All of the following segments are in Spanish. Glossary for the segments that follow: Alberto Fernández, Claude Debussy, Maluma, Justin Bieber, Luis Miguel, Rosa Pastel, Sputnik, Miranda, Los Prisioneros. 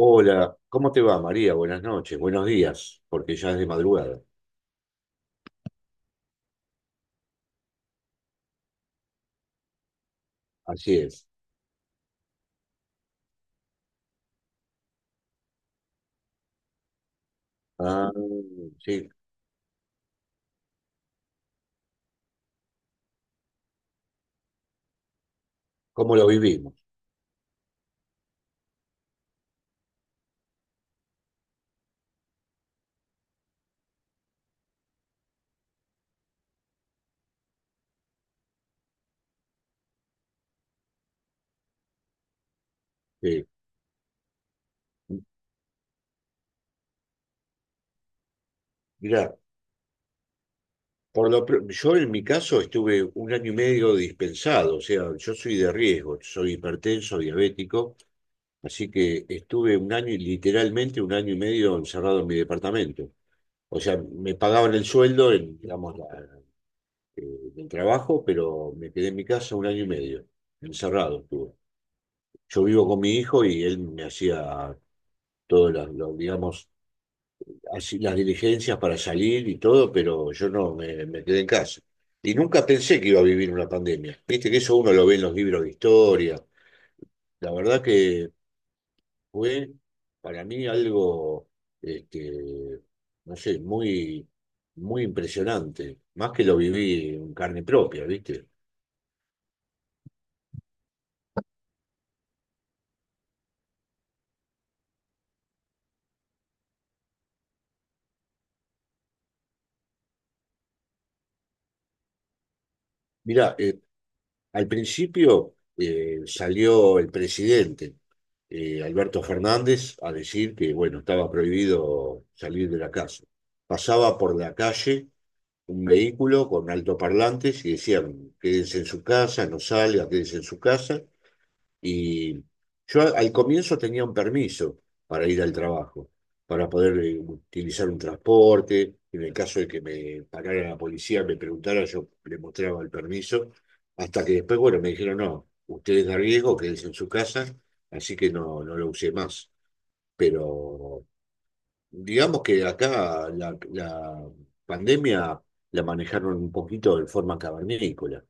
Hola, ¿cómo te va, María? Buenas noches, buenos días, porque ya es de madrugada. Así es. Ah, sí, ¿cómo lo vivimos? Sí. Mirá, yo en mi caso estuve un año y medio dispensado, o sea, yo soy de riesgo, soy hipertenso, diabético, así que estuve un año, y literalmente un año y medio encerrado en mi departamento. O sea, me pagaban el sueldo, digamos, eh, del trabajo, pero me quedé en mi casa un año y medio. Encerrado estuve. Yo vivo con mi hijo y él me hacía todas las, digamos, así, las diligencias para salir y todo, pero yo no me quedé en casa. Y nunca pensé que iba a vivir una pandemia. Viste que eso uno lo ve en los libros de historia. La verdad que fue para mí algo, este, no sé, muy, muy impresionante, más que lo viví en carne propia, ¿viste? Mirá, al principio salió el presidente, Alberto Fernández, a decir que, bueno, estaba prohibido salir de la casa. Pasaba por la calle un vehículo con altoparlantes y decían, quédense en su casa, no salga, quédense en su casa. Y yo al comienzo tenía un permiso para ir al trabajo, para poder utilizar un transporte. En el caso de que me parara la policía, me preguntara, yo le mostraba el permiso. Hasta que después, bueno, me dijeron, no, usted es de riesgo, quédese en su casa, así que no, no lo usé más. Pero digamos que acá la pandemia la manejaron un poquito de forma cavernícola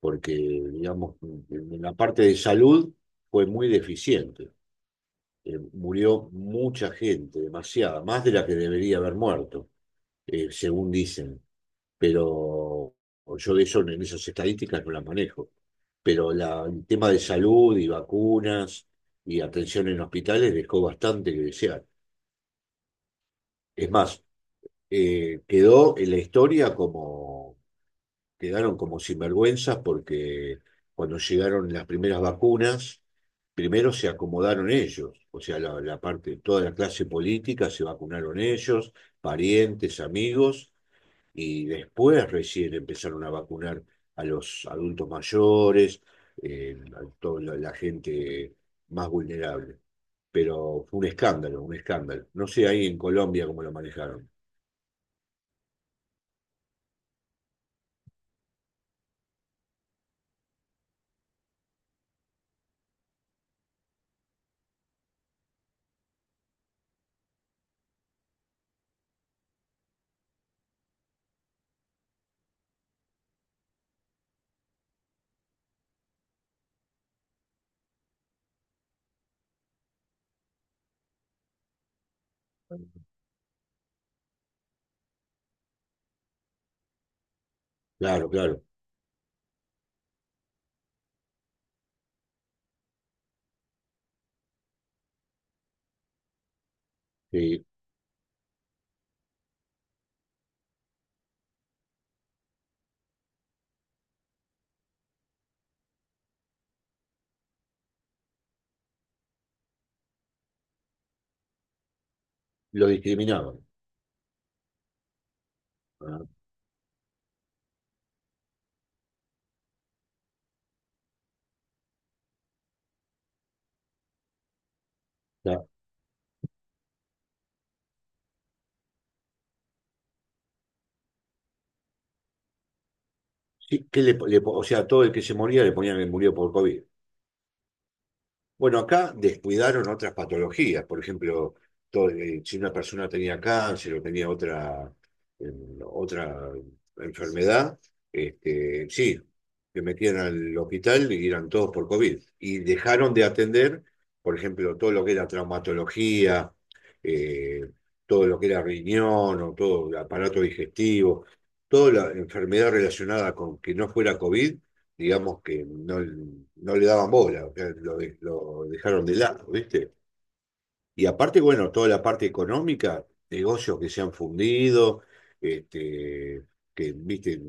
porque, digamos, en la parte de salud fue muy deficiente. Murió mucha gente, demasiada, más de la que debería haber muerto, según dicen. Pero yo de eso, en esas estadísticas no las manejo. Pero el tema de salud y vacunas y atención en hospitales dejó bastante que desear. Es más, quedó en la historia como quedaron como sinvergüenzas porque cuando llegaron las primeras vacunas, primero se acomodaron ellos, o sea, la parte, toda la clase política se vacunaron ellos, parientes, amigos, y después recién empezaron a vacunar a los adultos mayores, a toda la gente más vulnerable. Pero fue un escándalo, un escándalo. No sé ahí en Colombia cómo lo manejaron. Claro, claro, sí, lo discriminaban. Ah, sí, que o sea, todo el que se moría le ponían que murió por COVID. Bueno, acá descuidaron otras patologías, por ejemplo, si una persona tenía cáncer o tenía eh, otra enfermedad, este, sí, que metían al hospital y eran todos por COVID. Y dejaron de atender, por ejemplo, todo lo que era traumatología, eh, todo lo que era riñón o todo el aparato digestivo, toda la enfermedad relacionada con que no fuera COVID digamos que no, no le daban bola, o sea, lo dejaron de lado, ¿viste? Y aparte, bueno, toda la parte económica, negocios que se han fundido, este, que, ¿viste?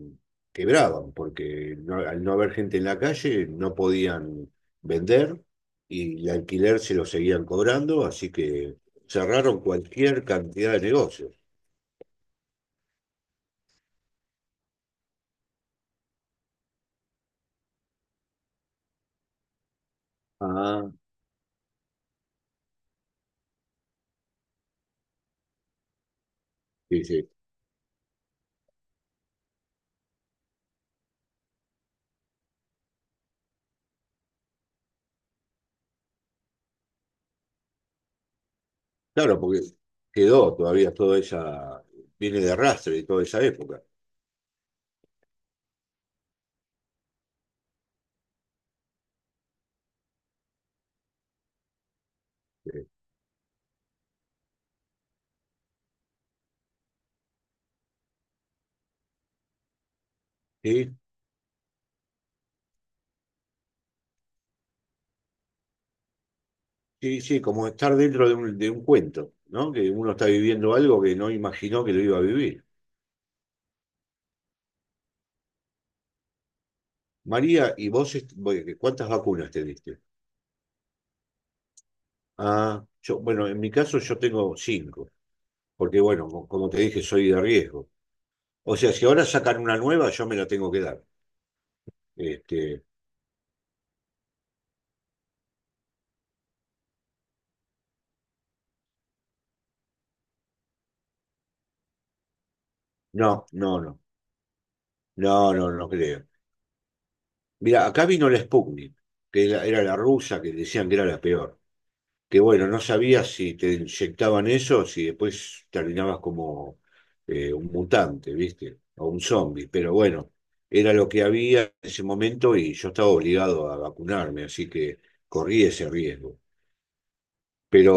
Quebraban, porque al no haber gente en la calle no podían vender y el alquiler se lo seguían cobrando, así que cerraron cualquier cantidad de negocios. Ah, sí, sí. Claro, porque quedó todavía toda esa, viene de arrastre de toda esa época. eh, Sí, sí, sí, como estar dentro de un cuento, ¿no? Que uno está viviendo algo que no imaginó que lo iba a vivir. María, ¿y vos cuántas vacunas te diste? Ah, yo, bueno, en mi caso yo tengo cinco, porque bueno, como te dije, soy de riesgo. O sea, si ahora sacan una nueva, yo me la tengo que dar. Este, no, no, no, no, no, no creo. Mira, acá vino la Sputnik, que era la rusa, que decían que era la peor. Que bueno, no sabías si te inyectaban eso, si después terminabas como un mutante, ¿viste? O un zombie, pero bueno, era lo que había en ese momento y yo estaba obligado a vacunarme, así que corrí ese riesgo. Pero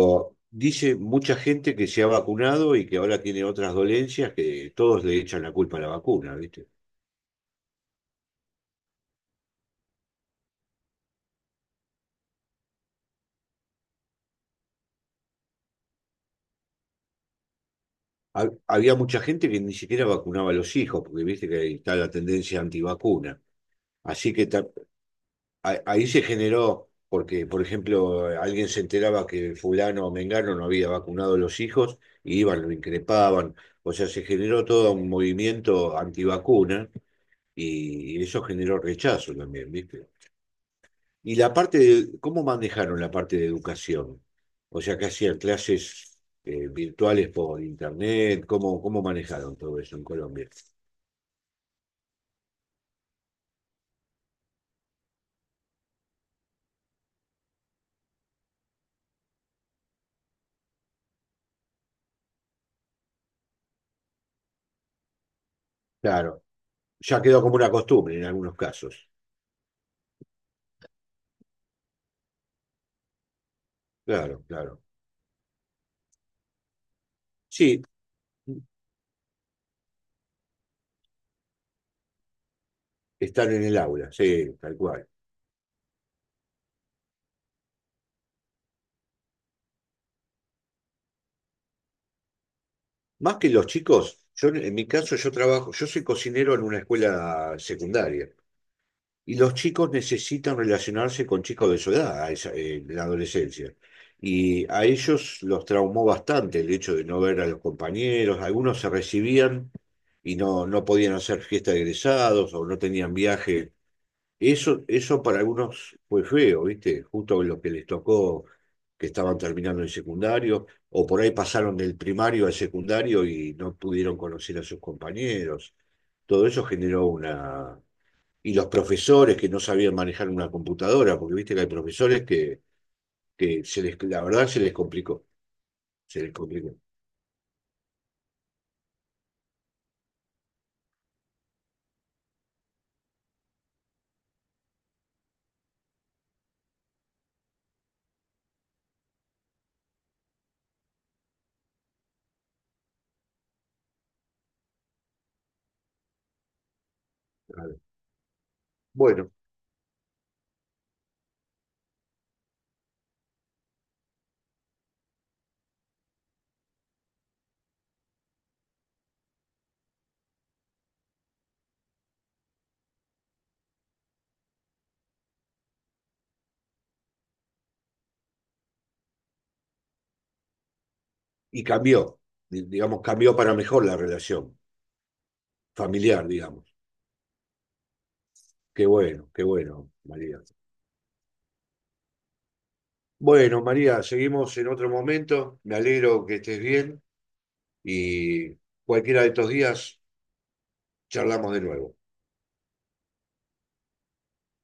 dice mucha gente que se ha vacunado y que ahora tiene otras dolencias que todos le echan la culpa a la vacuna, ¿viste? Había mucha gente que ni siquiera vacunaba a los hijos, porque viste que ahí está la tendencia antivacuna. Así que ahí se generó, porque, por ejemplo, alguien se enteraba que fulano o mengano no había vacunado a los hijos, y iban, lo increpaban. O sea, se generó todo un movimiento antivacuna y eso generó rechazo también, ¿viste? Y la parte de, ¿cómo manejaron la parte de educación? O sea, que hacían clases virtuales por internet, ¿cómo manejaron todo eso en Colombia? Claro, ya quedó como una costumbre en algunos casos. Claro, claro. Sí, están en el aula, sí, tal cual. Más que los chicos, yo en mi caso yo trabajo, yo soy cocinero en una escuela secundaria y los chicos necesitan relacionarse con chicos de su edad, en la adolescencia. Y a ellos los traumó bastante el hecho de no ver a los compañeros, algunos se recibían y no, no podían hacer fiesta de egresados o no tenían viaje. Eso para algunos fue feo, ¿viste? Justo lo que les tocó, que estaban terminando el secundario, o por ahí pasaron del primario al secundario y no pudieron conocer a sus compañeros. Todo eso generó una. Y los profesores que no sabían manejar una computadora, porque viste que hay profesores que se les, la verdad se les complicó, se les complicó. Claro. Bueno, y cambió, digamos, cambió para mejor la relación familiar, digamos. Qué bueno, María. Bueno, María, seguimos en otro momento. Me alegro que estés bien y cualquiera de estos días charlamos de nuevo.